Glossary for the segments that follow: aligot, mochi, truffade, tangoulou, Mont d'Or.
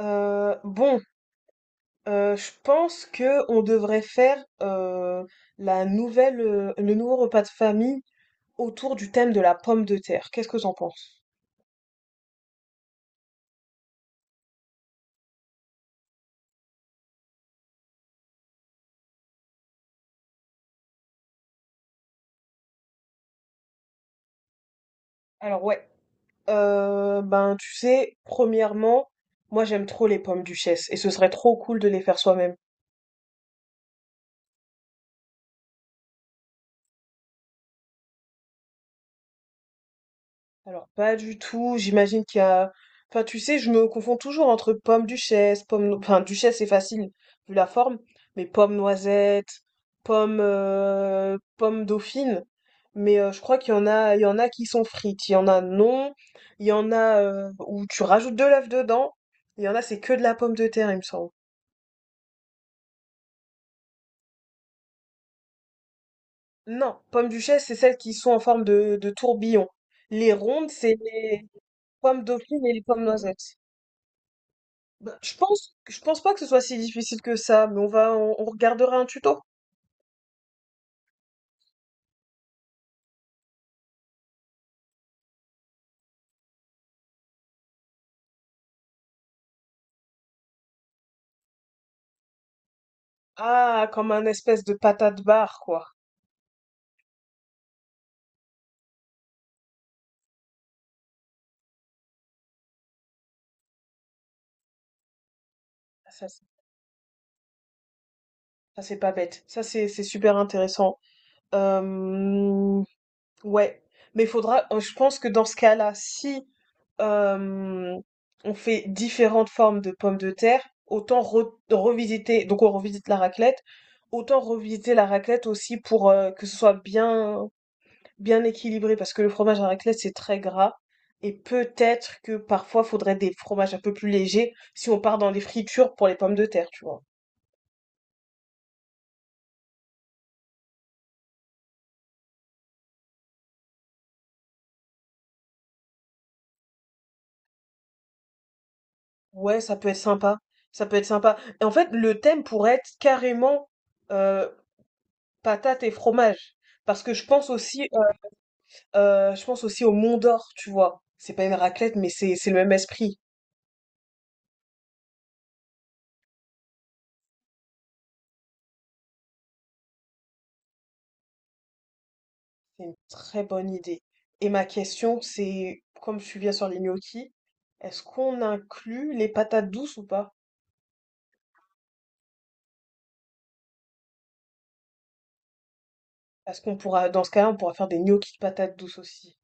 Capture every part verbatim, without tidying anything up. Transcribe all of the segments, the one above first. Euh, bon, euh, je pense que on devrait faire euh, la nouvelle, euh, le nouveau repas de famille autour du thème de la pomme de terre. Qu'est-ce que t'en penses? Alors ouais, euh, ben tu sais, premièrement, moi j'aime trop les pommes duchesse et ce serait trop cool de les faire soi-même. Alors, pas du tout. J'imagine qu'il y a. Enfin, tu sais, je me confonds toujours entre pomme duchesse, pomme. No- Enfin, duchesse, c'est facile, vu la forme, mais pomme noisette, pomme, euh, pomme dauphine. Mais euh, je crois qu'il y en a, il y en a qui sont frites, il y en a non, il y en a euh, où tu rajoutes de l'œuf dedans, il y en a c'est que de la pomme de terre, il me semble. Non, pomme duchesse, c'est celles qui sont en forme de, de tourbillon. Les rondes, c'est les pommes dauphines et les pommes noisettes. Bah, je pense, je pense pas que ce soit si difficile que ça, mais on va, on, on regardera un tuto. Ah, comme un espèce de patate barre, quoi. Ça, Ça, c'est pas bête. Ça, c'est c'est super intéressant. Euh, ouais. Mais faudra, euh, je pense que dans ce cas-là, si euh, on fait différentes formes de pommes de terre, autant re- revisiter, donc on revisite la raclette, autant revisiter la raclette aussi pour euh, que ce soit bien bien équilibré parce que le fromage à raclette c'est très gras et peut-être que parfois faudrait des fromages un peu plus légers si on part dans les fritures pour les pommes de terre, tu vois. Ouais, ça peut être sympa. Ça peut être sympa. Et en fait, le thème pourrait être carrément euh, patates et fromage. Parce que je pense aussi Euh, je pense aussi au Mont d'Or, tu vois. C'est pas une raclette, mais c'est c'est le même esprit. C'est une très bonne idée. Et ma question, c'est, comme je suis bien sur les gnocchis, est-ce qu'on inclut les patates douces ou pas? Parce qu'on pourra, dans ce cas-là, on pourra faire des gnocchis de patates douces aussi.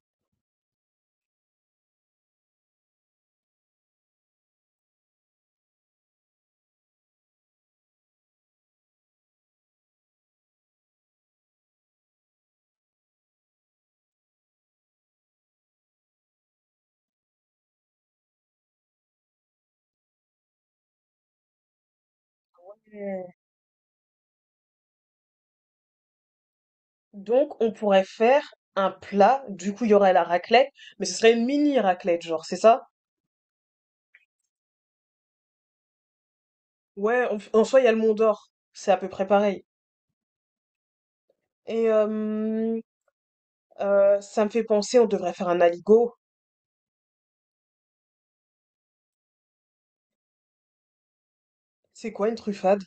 Hmm. Donc, on pourrait faire un plat. Du coup, il y aurait la raclette, mais ce serait une mini raclette, genre, c'est ça? Ouais, en, f- en soi, il y a le Mont d'Or. C'est à peu près pareil. Et euh, euh, ça me fait penser, on devrait faire un aligot. C'est quoi une truffade?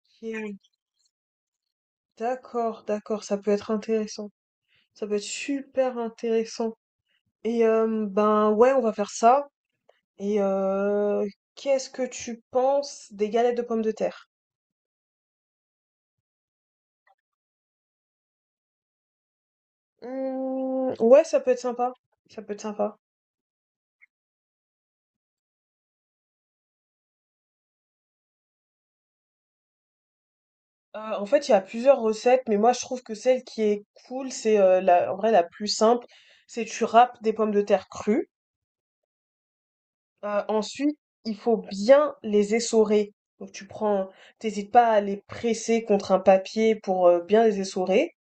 Ok, d'accord, d'accord, ça peut être intéressant. Ça peut être super intéressant. Et euh, ben ouais, on va faire ça. Et euh, qu'est-ce que tu penses des galettes de pommes de terre? Hmm, ouais, ça peut être sympa. Ça peut être sympa. Euh, en fait, il y a plusieurs recettes, mais moi je trouve que celle qui est cool, c'est euh, la, en vrai la plus simple, c'est tu râpes des pommes de terre crues. Euh, ensuite, il faut bien les essorer. Donc tu prends, t'hésites pas à les presser contre un papier pour euh, bien les essorer.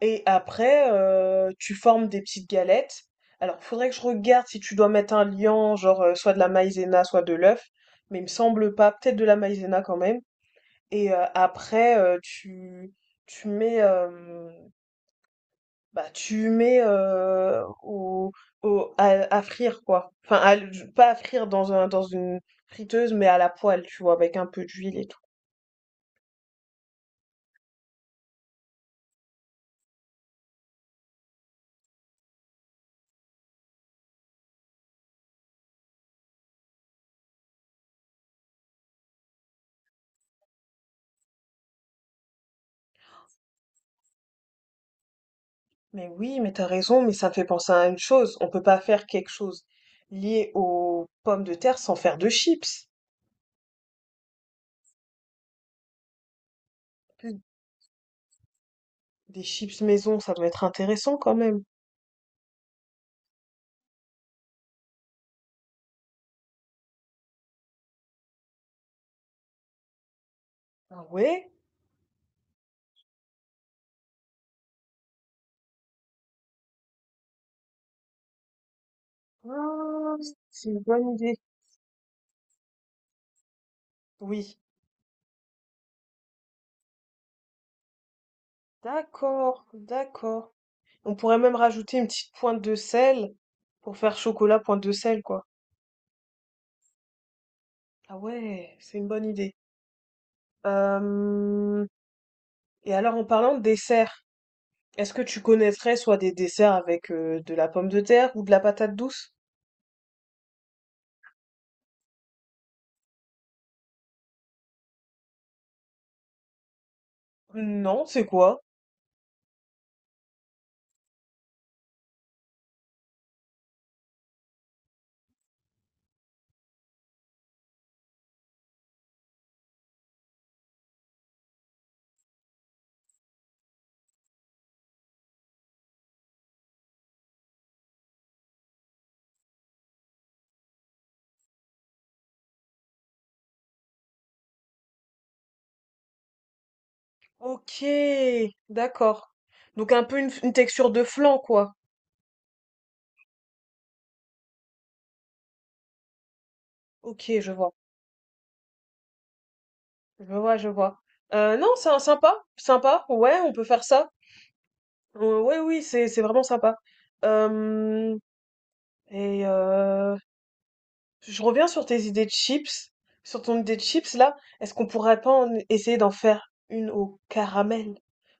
Et après, euh, tu formes des petites galettes. Alors, faudrait que je regarde si tu dois mettre un liant, genre euh, soit de la maïzena, soit de l'œuf. Mais il me semble pas, peut-être de la maïzena quand même. Et euh, après, euh, tu, tu mets, euh, bah, tu mets heu, au au à à frire quoi. Enfin à pas à frire dans un dans une friteuse, mais à la poêle, tu vois? Avec un peu d'huile et tout. Mais oui, mais t'as raison, mais ça me fait penser à une chose, on peut pas faire quelque chose lié aux pommes de terre sans faire de chips. Plus Des chips maison, ça doit être intéressant quand même. Ah ouais? Ah, c'est une bonne idée. Oui, d'accord, d'accord. On pourrait même rajouter une petite pointe de sel pour faire chocolat pointe de sel, quoi. Ah ouais, c'est une bonne idée. Euh, Et alors, en parlant de dessert, est-ce que tu connaîtrais soit des desserts avec euh, de la pomme de terre ou de la patate douce? Non, c'est quoi? Ok, d'accord. Donc un peu une, une texture de flan, quoi. Ok, je vois. Je vois, je vois. Euh, non, c'est un- sympa, sympa. Ouais, on peut faire ça. Euh, ouais, oui, c'est c'est vraiment sympa. Euh, et euh, je reviens sur tes idées de chips, sur ton idée de chips là. Est-ce qu'on pourrait pas en- essayer d'en faire une au caramel?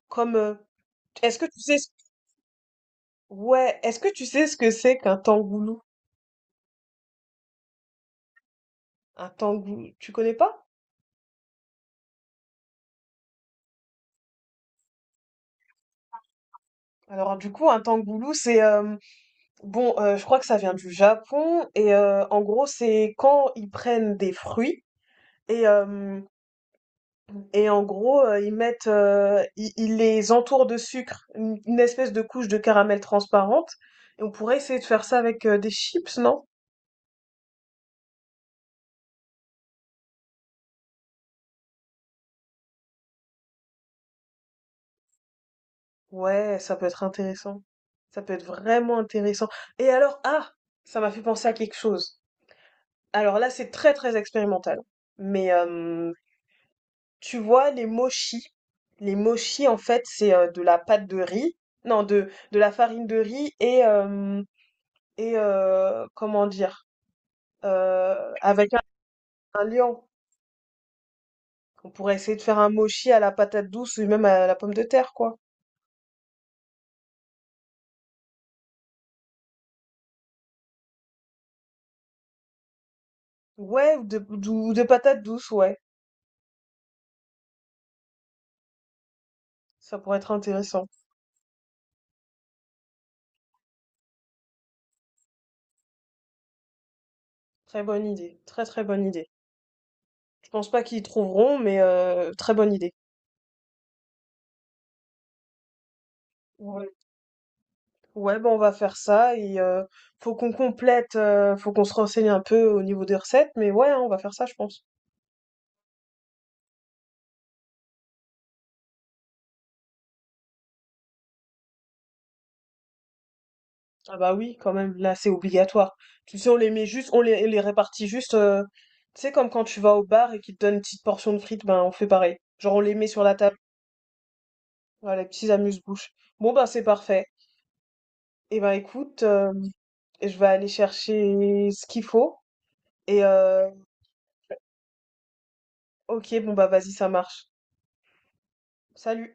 Comme, euh, est-ce que tu sais, ce- ouais, est-ce que tu sais ce que c'est qu'un tangoulou? Un tangoulou, tu connais pas? Alors du coup, un tangoulou, c'est euh, bon, euh, je crois que ça vient du Japon et euh, en gros, c'est quand ils prennent des fruits et euh, et en gros, euh, ils mettent, euh, ils, ils les entourent de sucre, une, une espèce de couche de caramel transparente. Et on pourrait essayer de faire ça avec euh, des chips, non? Ouais, ça peut être intéressant. Ça peut être vraiment intéressant. Et alors, ah, ça m'a fait penser à quelque chose. Alors là, c'est très très expérimental. Mais euh, tu vois, les mochis, les mochis, en fait, c'est euh, de la pâte de riz, non, de de la farine de riz et euh, et euh, comment dire, euh, avec Un lion. On pourrait essayer de faire un mochi à la patate douce ou même à la pomme de terre, quoi. Ouais, ou de, ou de patates douces, ouais. Ça pourrait être intéressant. Très bonne idée. Très très bonne idée. Je pense pas qu'ils trouveront, mais euh, très bonne idée. Ouais. Ouais, ben on va faire ça et euh, faut qu'on complète, euh, faut qu'on se renseigne un peu au niveau des recettes, mais ouais, hein, on va faire ça, je pense. Ah bah oui, quand même, là c'est obligatoire. Tu sais, on les met juste, on les, les répartit juste. euh, tu sais, comme quand tu vas au bar et qu'ils te donnent une petite portion de frites, ben on fait pareil. Genre on les met sur la table. Ouais, les petits amuse-bouches. Bon, ben, c'est parfait. Eh ben, écoute, euh, je vais aller chercher ce qu'il faut. Et, euh, ok, bon, bah, vas-y, ça marche. Salut.